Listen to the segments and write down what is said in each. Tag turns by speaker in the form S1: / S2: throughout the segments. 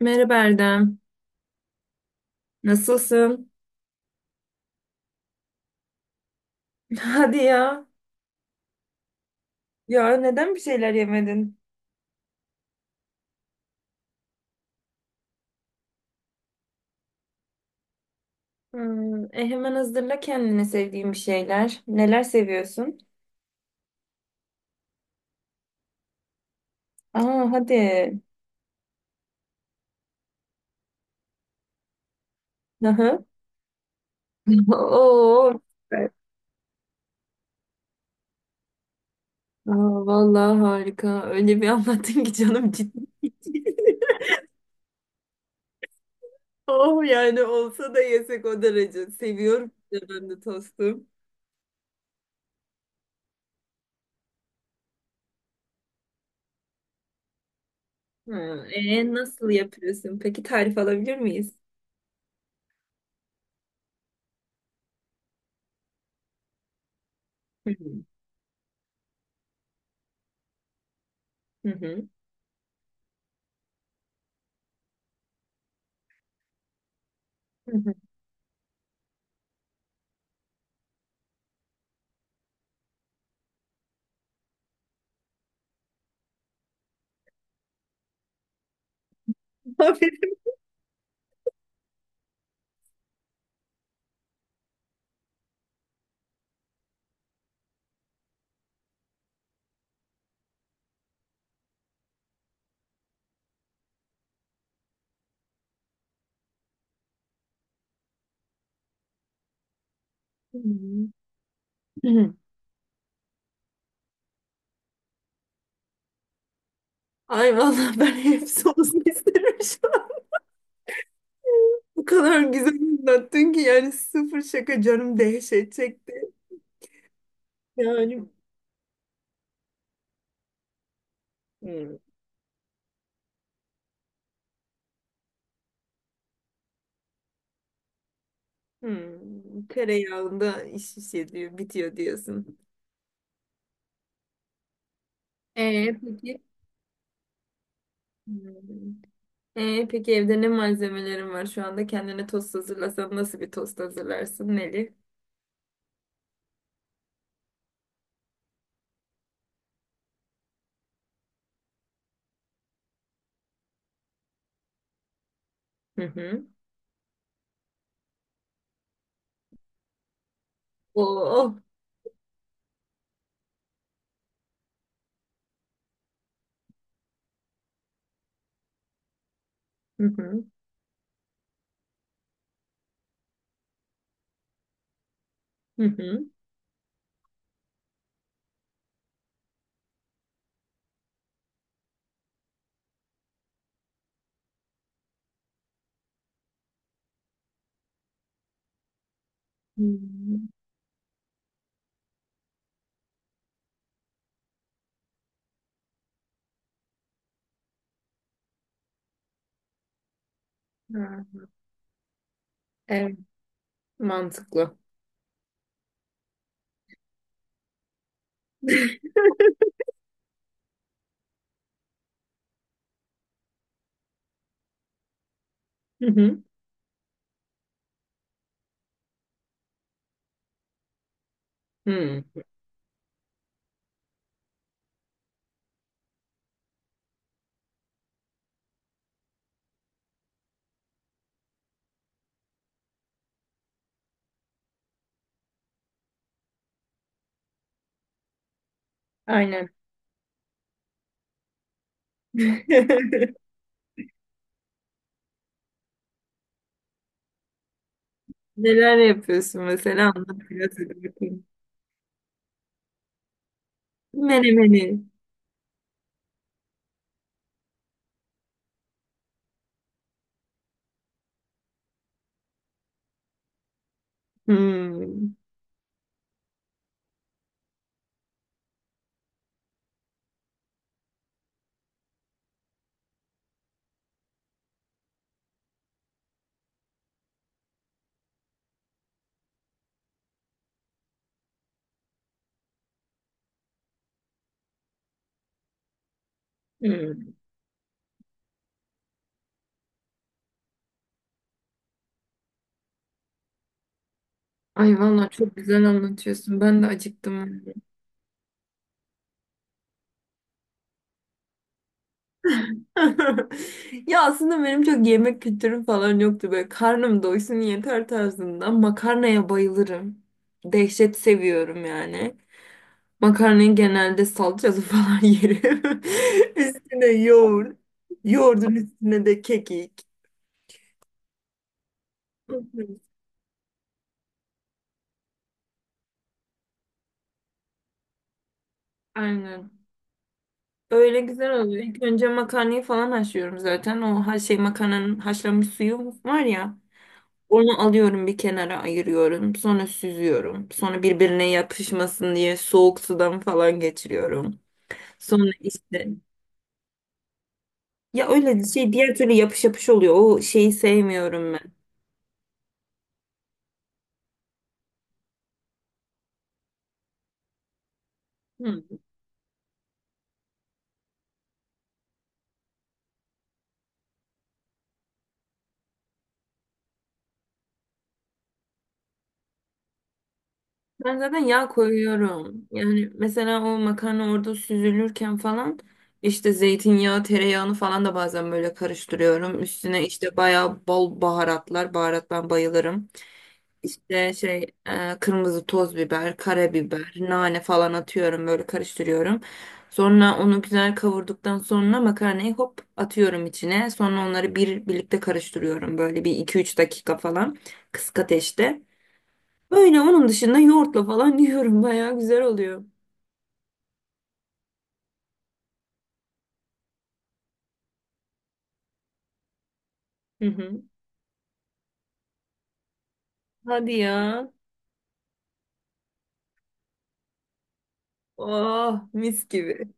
S1: Merhaba Erdem. Nasılsın? Hadi ya. Ya neden bir şeyler yemedin? Hmm, hemen hazırla kendine sevdiğin bir şeyler. Neler seviyorsun? Aa hadi. Aha. Oo, süper. Aa, vallahi harika. Öyle bir anlattın ki canım ciddi. Oh yani olsa da yesek o derece. Seviyorum bir de ben de tostu. Hmm, nasıl yapıyorsun? Peki tarif alabilir miyiz? Hı hı. Hı hı. Hı hı. Aferin. Hı. Ay vallahi ben hepsi olsun isterim şu an. Bu kadar güzel anlattın ki yani sıfır şaka canım dehşet çekti. Yani hmm, hmm, tereyağında iş bitiyor diyorsun. Peki. Hmm. Peki evde ne malzemelerin var şu anda? Kendine tost hazırlasan nasıl bir tost hazırlarsın Neli? Hı hı. Oo. Hı hı. Hı hı. Hmm. Ha, evet, mantıklı. Hı hı. Hmm. Aynen. Neler yapıyorsun mesela anlat biraz hadi bakayım. Menemeni. Hmm. Hmm. Ay vallahi çok güzel anlatıyorsun. Ben de acıktım. Ya aslında benim çok yemek kültürüm falan yoktu. Böyle karnım doysun yeter tarzında. Makarnaya bayılırım. Dehşet seviyorum yani. Makarnayı genelde salçalı falan yerim. Üstüne yoğurt. Yoğurdun üstüne de kekik. Aynen. Öyle güzel oluyor. İlk önce makarnayı falan haşlıyorum zaten. O her şey makarnanın haşlanmış suyu var ya. Onu alıyorum bir kenara ayırıyorum. Sonra süzüyorum. Sonra birbirine yapışmasın diye soğuk sudan falan geçiriyorum. Sonra işte ya öyle şey diğer türlü yapış yapış oluyor. O şeyi sevmiyorum ben. Hı. Ben zaten yağ koyuyorum. Yani mesela o makarna orada süzülürken falan işte zeytinyağı, tereyağını falan da bazen böyle karıştırıyorum. Üstüne işte bayağı bol baharatlar. Baharat ben bayılırım. İşte kırmızı toz biber, karabiber, nane falan atıyorum böyle karıştırıyorum. Sonra onu güzel kavurduktan sonra makarnayı hop atıyorum içine. Sonra onları bir birlikte karıştırıyorum böyle bir iki üç dakika falan kısık ateşte. Böyle onun dışında yoğurtla falan yiyorum. Bayağı güzel oluyor. Hı hı. Hadi ya. Oh mis gibi.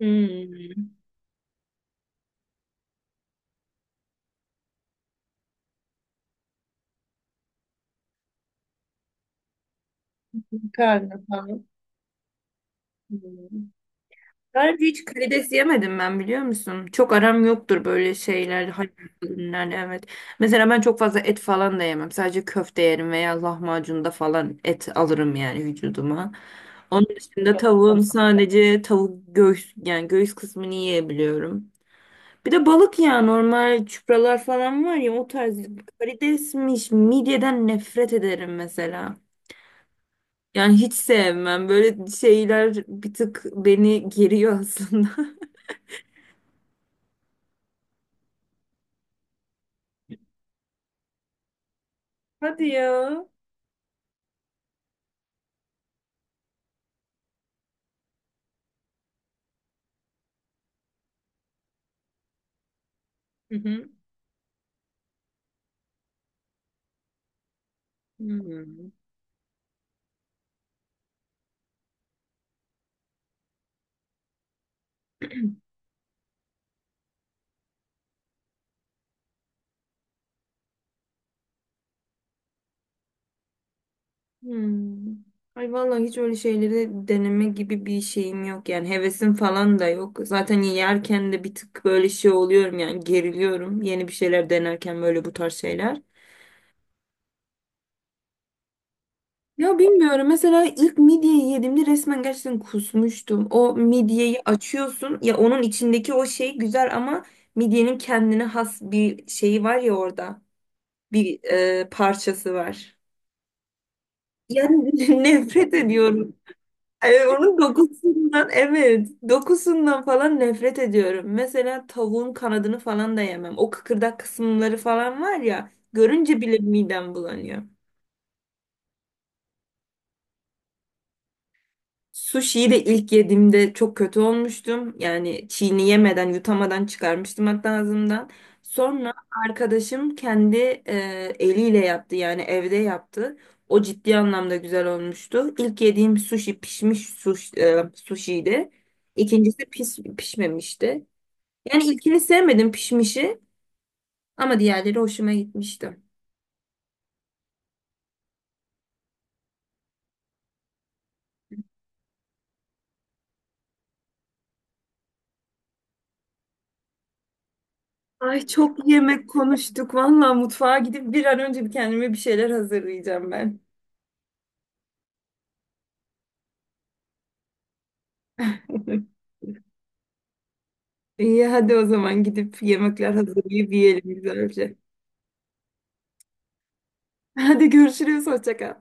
S1: Hmm, karnı falan. Hmm. Sadece hiç karides yemedim ben biliyor musun? Çok aram yoktur böyle şeyler, hayvan ürünlerle evet. Mesela ben çok fazla et falan da yemem. Sadece köfte yerim veya lahmacunda falan et alırım yani vücuduma. Onun dışında tavuğun sadece tavuk göğüs yani göğüs kısmını yiyebiliyorum. Bir de balık ya normal çupralar falan var ya o tarz karidesmiş midyeden nefret ederim mesela. Yani hiç sevmem böyle şeyler bir tık beni geriyor aslında. Hadi ya. Hı hı. Hmm. Hmm. Ay vallahi hiç öyle şeyleri deneme gibi bir şeyim yok yani hevesim falan da yok. Zaten yerken de bir tık böyle şey oluyorum yani geriliyorum yeni bir şeyler denerken böyle bu tarz şeyler. Ya bilmiyorum. Mesela ilk midyeyi yediğimde resmen gerçekten kusmuştum. O midyeyi açıyorsun. Ya onun içindeki o şey güzel ama midyenin kendine has bir şeyi var ya orada. Bir parçası var. Yani nefret ediyorum. Onun dokusundan evet. Dokusundan falan nefret ediyorum. Mesela tavuğun kanadını falan da yemem. O kıkırdak kısımları falan var ya. Görünce bile midem bulanıyor. Sushi'yi de ilk yediğimde çok kötü olmuştum. Yani çiğneyemeden, yutamadan çıkarmıştım hatta ağzımdan. Sonra arkadaşım kendi e, eliyle yaptı yani evde yaptı. O ciddi anlamda güzel olmuştu. İlk yediğim sushi pişmiş sushi'ydi. İkincisi pişmemişti. Yani ilkini sevmedim pişmişi ama diğerleri hoşuma gitmişti. Ay çok yemek konuştuk. Vallahi mutfağa gidip bir an önce bir kendime bir şeyler hazırlayacağım ben. İyi hadi o zaman gidip yemekler hazırlayıp yiyelim güzelce. Hadi görüşürüz. Hoşça kal.